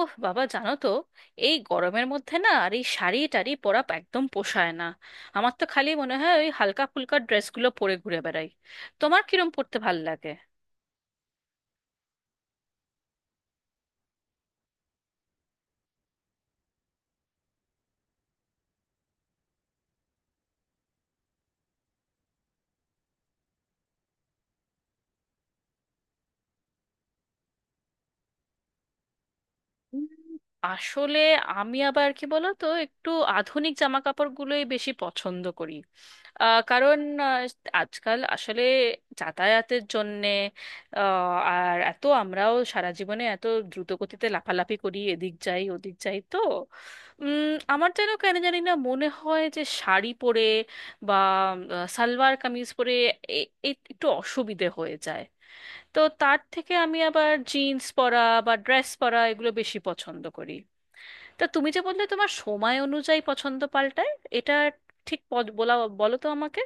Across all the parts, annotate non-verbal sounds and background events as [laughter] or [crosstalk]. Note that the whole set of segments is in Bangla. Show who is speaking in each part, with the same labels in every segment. Speaker 1: ওহ বাবা, জানো তো, এই গরমের মধ্যে না আর এই শাড়ি টাড়ি পরা একদম পোষায় না। আমার তো খালি মনে হয় ওই হালকা ফুলকা ড্রেসগুলো পরে ঘুরে বেড়াই। তোমার কিরম পরতে ভাল লাগে? উম, আসলে আমি আবার কি বলো তো, একটু আধুনিক জামা কাপড়গুলোই বেশি পছন্দ করি। কারণ আহ, আজকাল আসলে যাতায়াতের জন্যে, আহ, আর এত আমরাও সারা জীবনে এত দ্রুত গতিতে লাফালাফি করি, এদিক যাই ওদিক যাই, তো উম, আমার যেন কেন জানি না মনে হয় যে শাড়ি পরে বা সালোয়ার কামিজ পরে একটু অসুবিধে হয়ে যায়। তো তার থেকে আমি আবার জিন্স পরা বা ড্রেস পরা এগুলো বেশি পছন্দ করি। তা তুমি যে বললে তোমার সময় অনুযায়ী পছন্দ পাল্টায়, এটা ঠিক বলা বলো তো আমাকে।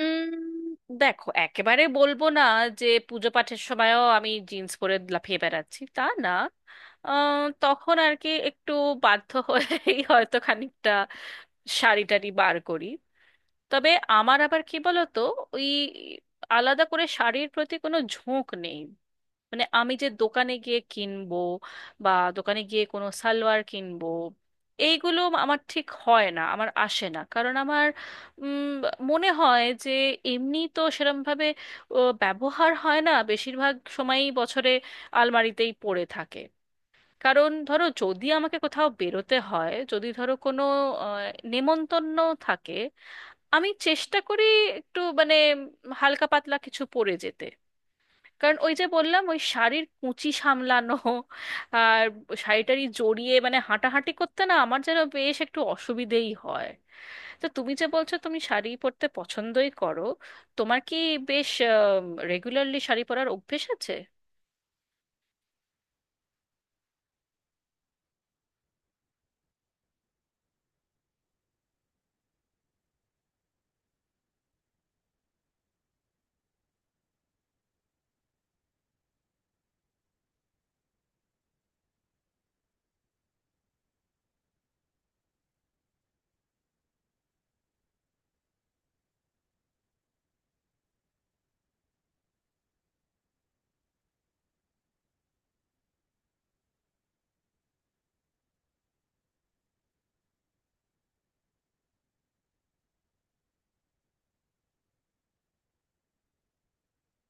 Speaker 1: উম, দেখো একেবারে বলবো না যে পুজো পাঠের সময়ও আমি জিন্স পরে লাফিয়ে বেড়াচ্ছি, তা না। তখন আর কি একটু বাধ্য হয়েই হয়তো খানিকটা শাড়ি টাড়ি বার করি। তবে আমার আবার কি বলতো, ওই আলাদা করে শাড়ির প্রতি কোনো ঝোঁক নেই। মানে আমি যে দোকানে গিয়ে কিনবো বা দোকানে গিয়ে কোনো সালোয়ার কিনবো, এইগুলো আমার ঠিক হয় না, আমার আসে না। কারণ আমার উম, মনে হয় যে এমনি তো সেরমভাবে ব্যবহার হয় না, বেশিরভাগ সময়ই বছরে আলমারিতেই পড়ে থাকে। কারণ ধরো যদি আমাকে কোথাও বেরোতে হয়, যদি ধরো কোনো আহ, নেমন্তন্ন থাকে, আমি চেষ্টা করি একটু মানে হালকা পাতলা কিছু পরে যেতে। কারণ ওই যে বললাম, ওই শাড়ির কুঁচি সামলানো আর শাড়িটারি জড়িয়ে মানে হাঁটাহাঁটি করতে না, আমার যেন বেশ একটু অসুবিধেই হয়। তো তুমি যে বলছো তুমি শাড়ি পরতে পছন্দই করো, তোমার কি বেশ রেগুলারলি শাড়ি পরার অভ্যেস আছে?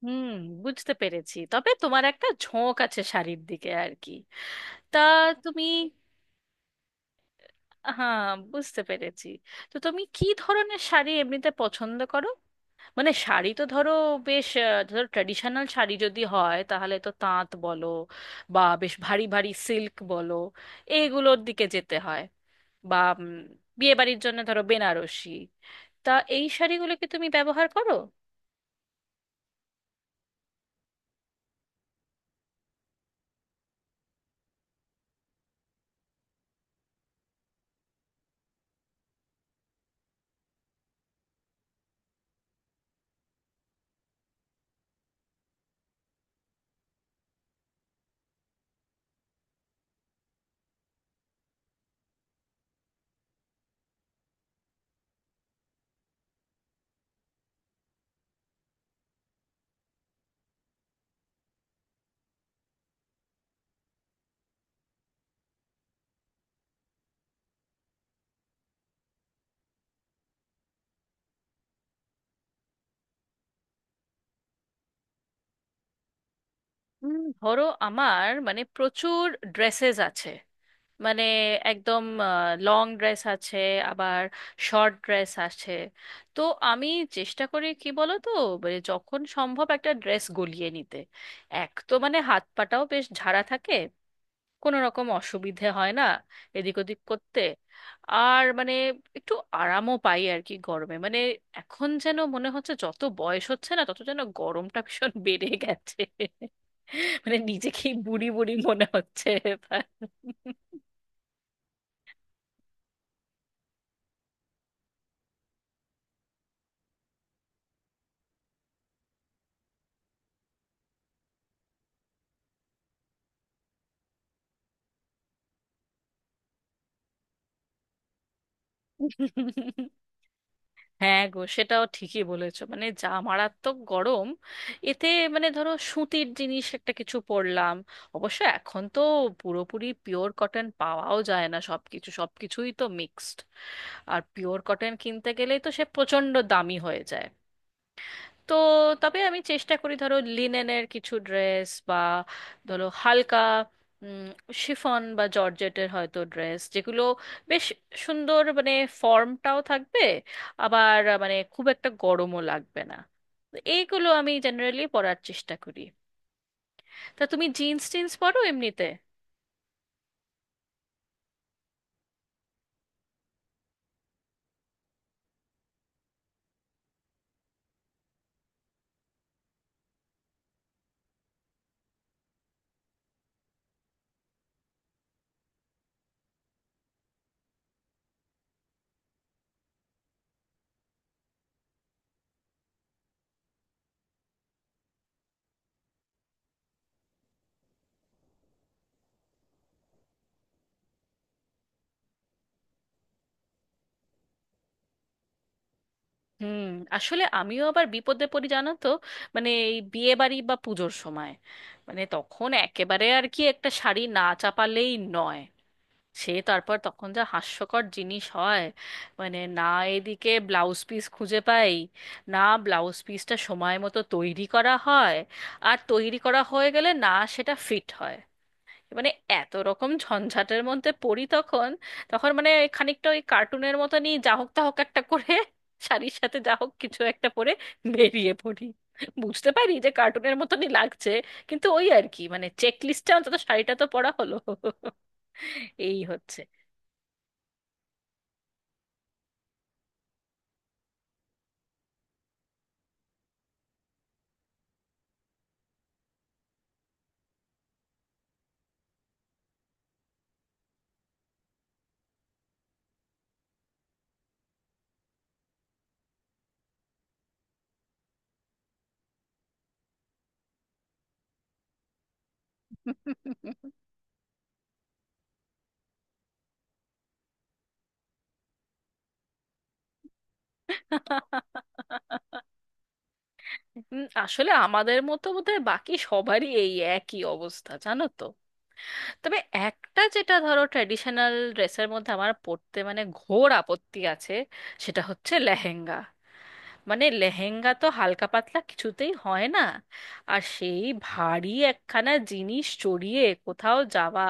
Speaker 1: হুম, বুঝতে পেরেছি, তবে তোমার একটা ঝোঁক আছে শাড়ির দিকে আর কি। তা তুমি। হ্যাঁ, বুঝতে পেরেছি। তো তুমি কি ধরনের শাড়ি এমনিতে পছন্দ করো? মানে শাড়ি তো ধরো, বেশ ধরো ট্র্যাডিশনাল শাড়ি যদি হয় তাহলে তো তাঁত বলো বা বেশ ভারী ভারী সিল্ক বলো, এইগুলোর দিকে যেতে হয়। বা বিয়ে বাড়ির জন্য ধরো বেনারসি। তা এই শাড়িগুলো কি তুমি ব্যবহার করো? ধরো আমার মানে প্রচুর ড্রেসেস আছে। মানে একদম লং ড্রেস আছে, আবার শর্ট ড্রেস আছে। তো আমি চেষ্টা করি, কি বলো তো, মানে যখন সম্ভব একটা ড্রেস গলিয়ে নিতে। এক তো মানে হাত পাটাও বেশ ঝাড়া থাকে, কোনো রকম অসুবিধে হয় না এদিক ওদিক করতে। আর মানে একটু আরামও পাই আর কি গরমে। মানে এখন যেন মনে হচ্ছে, যত বয়স হচ্ছে না, তত যেন গরমটা ভীষণ বেড়ে গেছে। মানে নিজেকেই বুড়ি বুড়ি মনে হচ্ছে এবার। হ্যাঁ গো, সেটাও ঠিকই বলেছো, মানে যা মারাত্মক গরম। এতে মানে ধরো সুতির জিনিস একটা কিছু পরলাম। অবশ্য এখন তো পুরোপুরি পিওর কটন পাওয়াও যায় না, সবকিছুই তো মিক্সড। আর পিওর কটন কিনতে গেলেই তো সে প্রচণ্ড দামি হয়ে যায়। তো তবে আমি চেষ্টা করি, ধরো লিনেনের কিছু ড্রেস বা ধরো হালকা শিফন বা জর্জেটের হয়তো ড্রেস, যেগুলো বেশ সুন্দর, মানে ফর্মটাও থাকবে, আবার মানে খুব একটা গরমও লাগবে না। তো এইগুলো আমি জেনারেলি পরার চেষ্টা করি। তা তুমি জিন্স টিন্স পরো এমনিতে? হুম, আসলে আমিও আবার বিপদে পড়ি জানো তো। মানে এই বিয়ে বাড়ি বা পুজোর সময়, মানে তখন একেবারে আর কি একটা শাড়ি না চাপালেই নয়। সে তারপর তখন যা হাস্যকর জিনিস হয়, মানে না এদিকে ব্লাউজ পিস খুঁজে পাই, না ব্লাউজ পিসটা সময় মতো তৈরি করা হয়, আর তৈরি করা হয়ে গেলে না সেটা ফিট হয়, মানে এত রকম ঝঞ্ঝাটের মধ্যে পড়ি তখন। তখন মানে খানিকটা ওই কার্টুনের মতনই যা হোক তা হোক একটা করে শাড়ির সাথে যা হোক কিছু একটা পরে বেরিয়ে পড়ি। বুঝতে পারি যে কার্টুনের মতনই লাগছে, কিন্তু ওই আর কি মানে চেক লিস্টে অন্তত শাড়িটা তো পরা হলো, এই হচ্ছে। আসলে আমাদের মতো বোধহয় বাকি সবারই এই একই অবস্থা জানো তো। তবে একটা যেটা ধরো ট্র্যাডিশনাল ড্রেসের মধ্যে আমার পড়তে মানে ঘোর আপত্তি আছে, সেটা হচ্ছে লেহেঙ্গা। মানে লেহেঙ্গা তো হালকা পাতলা কিছুতেই হয় না, আর সেই ভারী একখানা জিনিস চড়িয়ে কোথাও যাওয়া।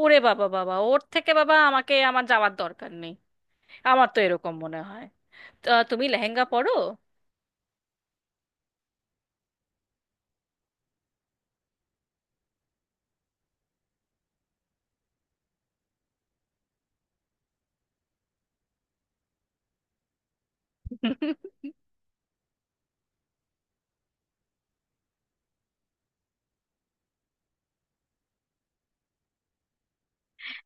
Speaker 1: ওরে বাবা বাবা, ওর থেকে বাবা আমাকে আমার যাওয়ার দরকার নেই। আমার তো এরকম মনে হয়। তা তুমি লেহেঙ্গা পরো? [laughs]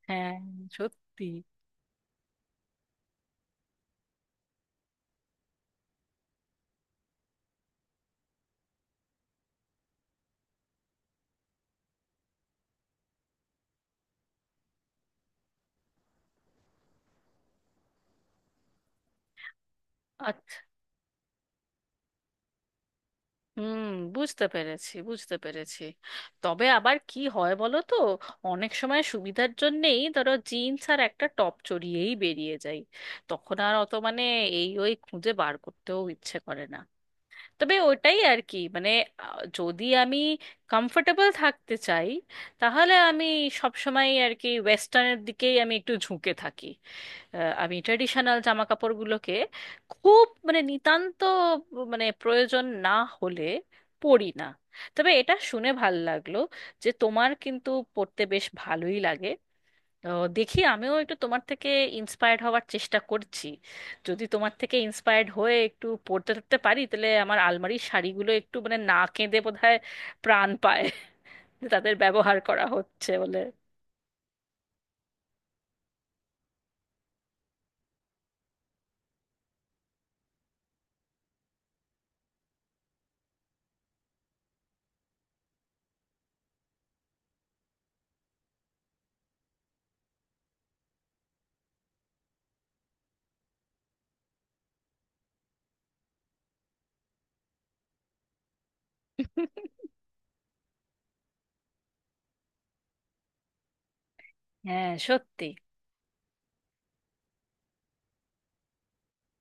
Speaker 1: হ্যাঁ, সত্যি। আচ্ছা, হুম, বুঝতে পেরেছি, বুঝতে পেরেছি। তবে আবার কি হয় বলো তো, অনেক সময় সুবিধার জন্যেই ধরো জিন্স আর একটা টপ চড়িয়েই বেরিয়ে যাই। তখন আর অত মানে এই ওই খুঁজে বার করতেও ইচ্ছে করে না। তবে ওটাই আর কি মানে, যদি আমি কমফোর্টেবল থাকতে চাই তাহলে আমি সব সময় আর কি ওয়েস্টার্নের দিকেই আমি একটু ঝুঁকে থাকি। আমি ট্রেডিশনাল জামা কাপড়গুলোকে খুব মানে নিতান্ত, মানে প্রয়োজন না হলে পরি না। তবে এটা শুনে ভাল লাগলো যে তোমার কিন্তু পড়তে বেশ ভালোই লাগে। দেখি আমিও একটু তোমার থেকে ইন্সপায়ার্ড হওয়ার চেষ্টা করছি। যদি তোমার থেকে ইন্সপায়ার্ড হয়ে একটু পড়তে টরতে পারি, তাহলে আমার আলমারির শাড়িগুলো একটু মানে না কেঁদে বোধহয় প্রাণ পায় [laughs] যে তাদের ব্যবহার করা হচ্ছে বলে। [laughs] হ্যাঁ, সত্যি।